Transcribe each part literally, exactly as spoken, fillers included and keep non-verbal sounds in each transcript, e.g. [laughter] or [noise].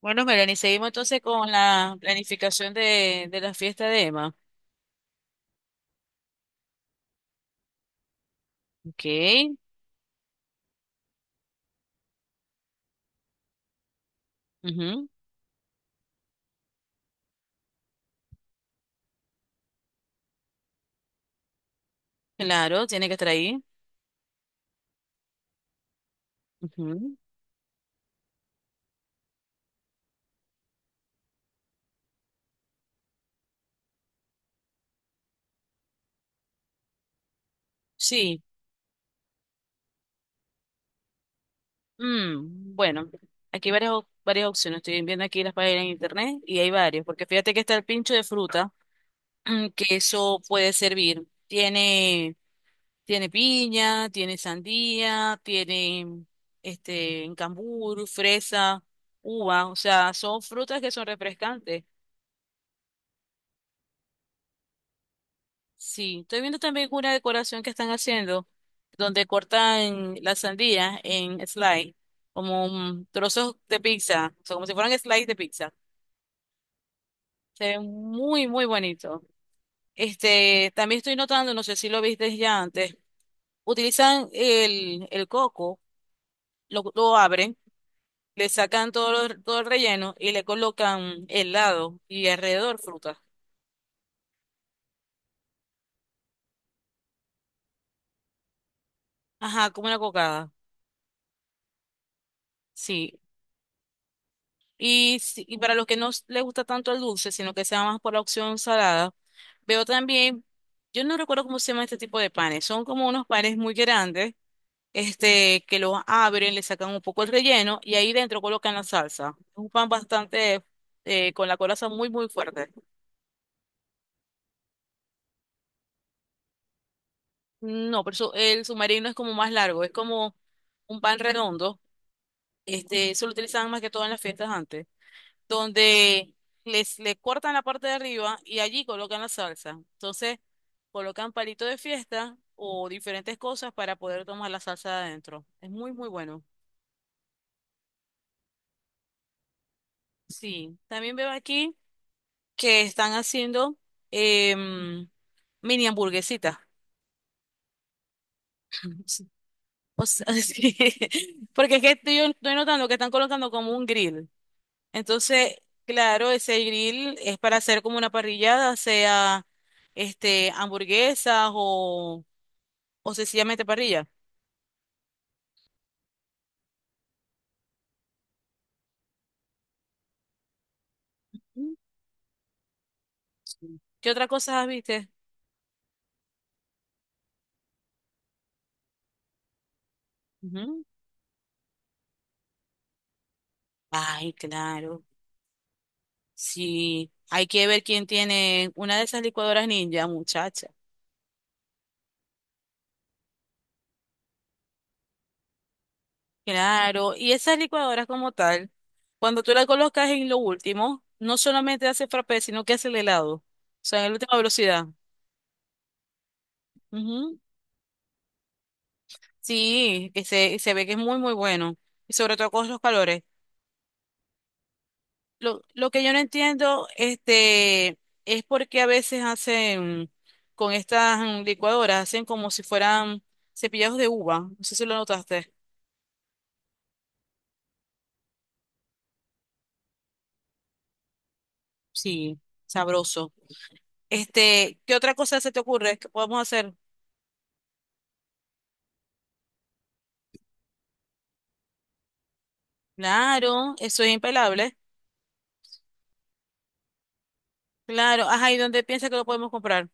Bueno, Melanie, seguimos entonces con la planificación de, de la fiesta de Emma. Ok. Ujú. Claro, tiene que estar ahí. Ujú. Sí. Mm, bueno, aquí hay varias, op- varias opciones. Estoy viendo aquí las páginas en internet y hay varios. Porque fíjate que está el pincho de fruta. [clears throat] Mm, que eso puede servir. Tiene, tiene piña, tiene sandía, tiene este cambur, fresa, uva. O sea, son frutas que son refrescantes. Sí, estoy viendo también una decoración que están haciendo, donde cortan la sandía en slice, como mm, trozos de pizza, o sea, como si fueran slice de pizza. Se ve muy, muy bonito. Este, también estoy notando, no sé si lo viste ya antes, utilizan el, el coco, lo, lo abren, le sacan todo, lo- todo el relleno y le colocan helado y alrededor fruta. Ajá, como una cocada. Sí. Y, si- y para los que no s- les gusta tanto el dulce, sino que sea más por la opción salada, veo también, yo no recuerdo cómo se llama este tipo de panes, son como unos panes muy grandes, este, que los abren, le sacan un poco el relleno y ahí dentro colocan la salsa. Es un pan bastante, eh, con la coraza muy, muy fuerte. No, pero eso- el submarino es como más largo, es como un pan redondo, este, eso lo utilizaban más que todo en las fiestas antes, donde les le cortan la parte de arriba y allí colocan la salsa. Entonces, colocan palito de fiesta o diferentes cosas para poder tomar la salsa de adentro. Es muy, muy bueno. Sí, también veo aquí que están haciendo em, mini hamburguesitas. [laughs] Sí. O sea, [laughs] sí. Porque es que estoy, estoy notando que están colocando como un grill. Entonces, claro, ese grill es para hacer como una parrillada, sea este hamburguesas o o sencillamente parrilla. Mm, sí. ¿Qué otra cosa viste? Ujú. Ay, claro. Sí, hay que ver quién tiene una de esas licuadoras ninja, muchacha. Claro, y esas licuadoras como tal, cuando tú las colocas en lo último, no solamente hace frappé, sino que hace el helado. O sea, en la última velocidad. Ujú. Sí, que se, se ve que es muy, muy bueno. Y sobre todo con los calores. Lo, lo que yo no entiendo, este, es porque a veces hacen con estas mm, licuadoras, hacen como si fueran cepillados de uva. No sé si lo notaste. Sí, sabroso. Este, ¿qué otra cosa se te ocurre que podemos hacer? Claro, eso es impelable. Claro, ajá, ¿y dónde piensas que lo podemos comprar?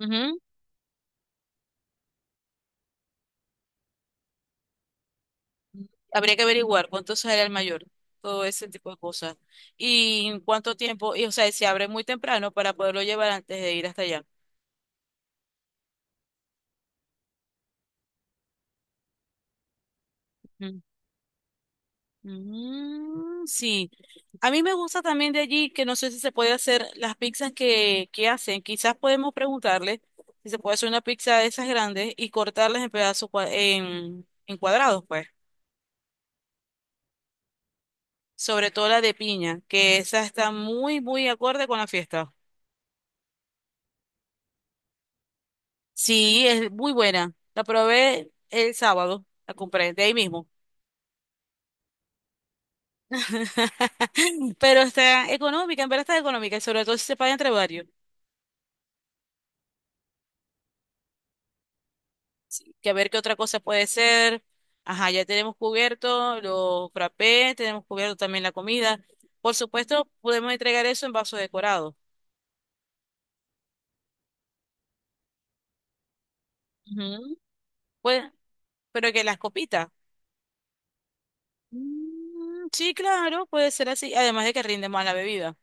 Ujú. Habría que averiguar cuánto sale el mayor, todo ese tipo de cosas. Y en cuánto tiempo, y o sea, se abre muy temprano para poderlo llevar antes de ir hasta allá. Mm, sí, a mí me gusta también de allí que no sé si se puede hacer las pizzas que, que hacen. Quizás podemos preguntarle si se puede hacer una pizza de esas grandes y cortarlas en pedazos cua- en, en cuadrados, pues. Sobre todo la de piña, que esa está muy, muy acorde con la fiesta. Sí, es muy buena. La probé el sábado, la compré de ahí mismo. [laughs] Pero está económica, en verdad está económica y sobre todo si se paga entre varios. Que a ver qué otra cosa puede ser. Ajá, ya tenemos cubierto los frappés, tenemos cubierto también la comida. Por supuesto, podemos entregar eso en vaso decorado. Ujú. Pues, pero que las copitas. Mm, sí, claro, puede ser así. Además de que rinde más la bebida.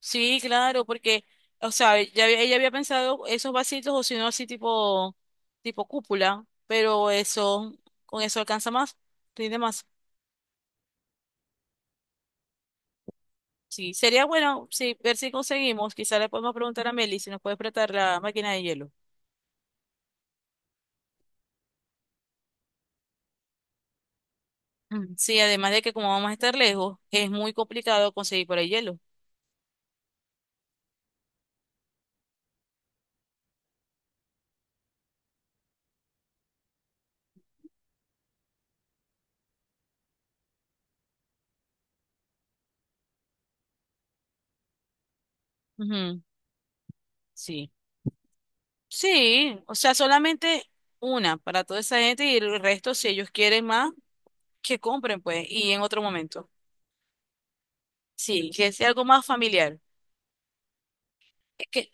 Sí, claro, porque, o sea, ya había- ella había pensado esos vasitos o si no así tipo, tipo cúpula, pero eso, con eso alcanza más, rinde más. Sí, sería bueno, sí, ver si conseguimos, quizá le podemos preguntar a Meli si nos puede prestar la máquina de hielo. Ujú. Sí, además de que como vamos a estar lejos, es muy complicado conseguir por ahí hielo. Ujú. Sí, sí, o sea, solamente una para toda esa gente y el resto, si ellos quieren más, que compren, pues, y en otro momento. Sí, que sea algo más familiar. Es que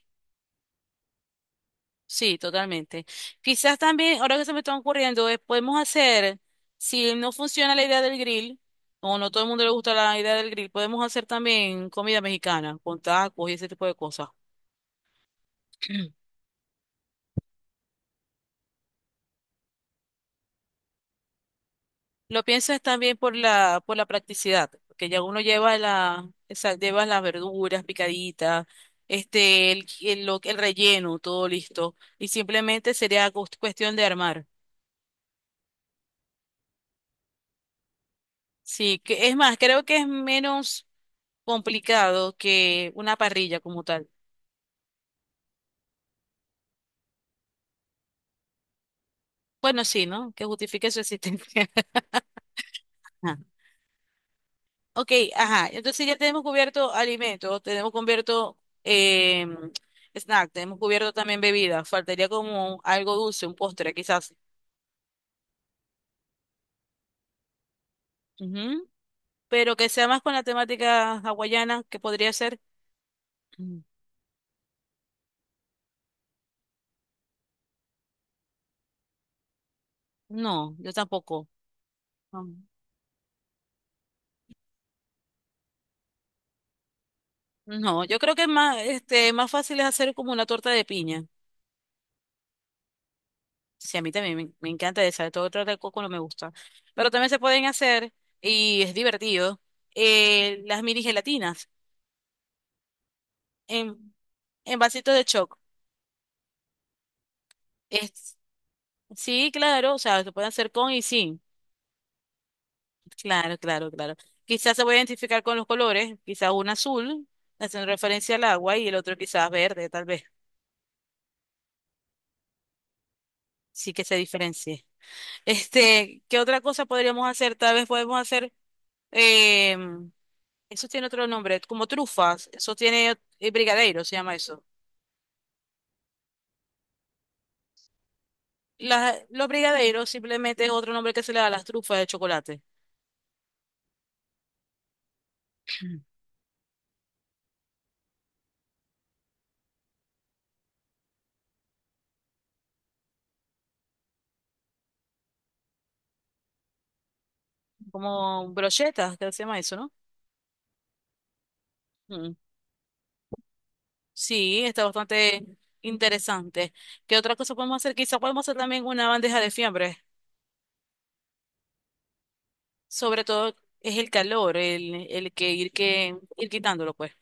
sí, totalmente. Quizás también, ahora que se me está ocurriendo, es, podemos hacer, si no funciona la idea del grill, o no todo el mundo le gusta la idea del grill, podemos hacer también comida mexicana, con tacos y ese tipo de cosas. [clears throat] Lo pienso es también por la, por la practicidad, porque ya uno lleva la, esa- lleva las verduras picaditas, este, el, el, lo- el relleno, todo listo, y simplemente sería cos- cuestión de armar. Sí, que es más, creo que es menos complicado que una parrilla como tal. Bueno, sí, ¿no? Que justifique su existencia. [laughs] Ajá. Ok, ajá. Entonces ya tenemos cubierto alimentos, tenemos cubierto eh, snack, tenemos cubierto también bebida. Faltaría como algo dulce, un postre quizás. Ujú. ¿Pero que sea más con la temática hawaiana, que podría ser? Mm. No, yo tampoco. No. No, yo creo que es más, este, más fácil es hacer como una torta de piña. Sí, a mí también me, me encanta esa, todo otro de coco no me gusta. Pero también se pueden hacer, y es divertido, eh, las mini gelatinas en, en vasitos de choc. Es, sí, claro, o sea, se pueden hacer con y sin. Claro, claro, claro. Quizás se puede identificar con los colores, quizás un azul, haciendo referencia al agua, y el otro quizás verde, tal vez. Sí, que se diferencie. Este, ¿qué otra cosa podríamos hacer? Tal vez podemos hacer em, eso tiene otro nombre, como trufas. Eso tiene eh, brigadeiro, se llama eso. Las- los brigadeiros simplemente es otro nombre que se le da a las trufas de chocolate. Como brochetas, que se llama eso, ¿no? Mm. Sí, está bastante interesante. ¿Qué otra cosa podemos hacer? Quizá podemos hacer también una bandeja de fiambre. Sobre todo es el calor, el, el que ir que ir quitándolo, pues.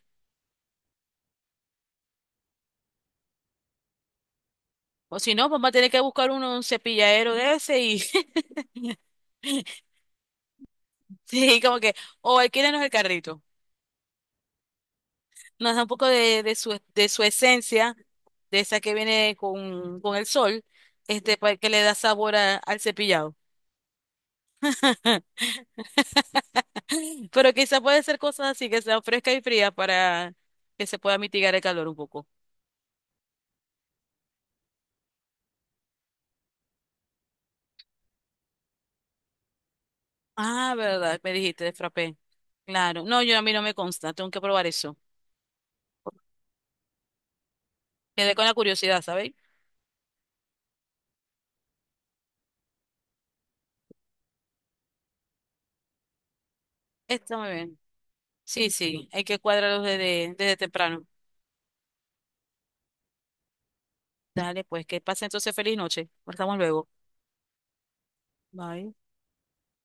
O si no, vamos a tener que buscar uno, un cepilladero de ese y [laughs] sí, como que, o alquílenos el carrito. Nos da un poco de, de su, de su esencia, de esa que viene con, con el sol, este, pa- que le da sabor a- al cepillado. [laughs] Pero quizás puede ser cosas así, que sea fresca y fría para que se pueda mitigar el calor un poco. Ah, verdad, me dijiste de frappé. Claro. No, yo a mí no me consta, tengo que probar eso. Quedé con la curiosidad, ¿sabéis? Está muy bien. Sí, sí, hay que cuadrarlos desde, desde temprano. Dale, pues que pase entonces feliz noche. Nos vemos luego. Bye.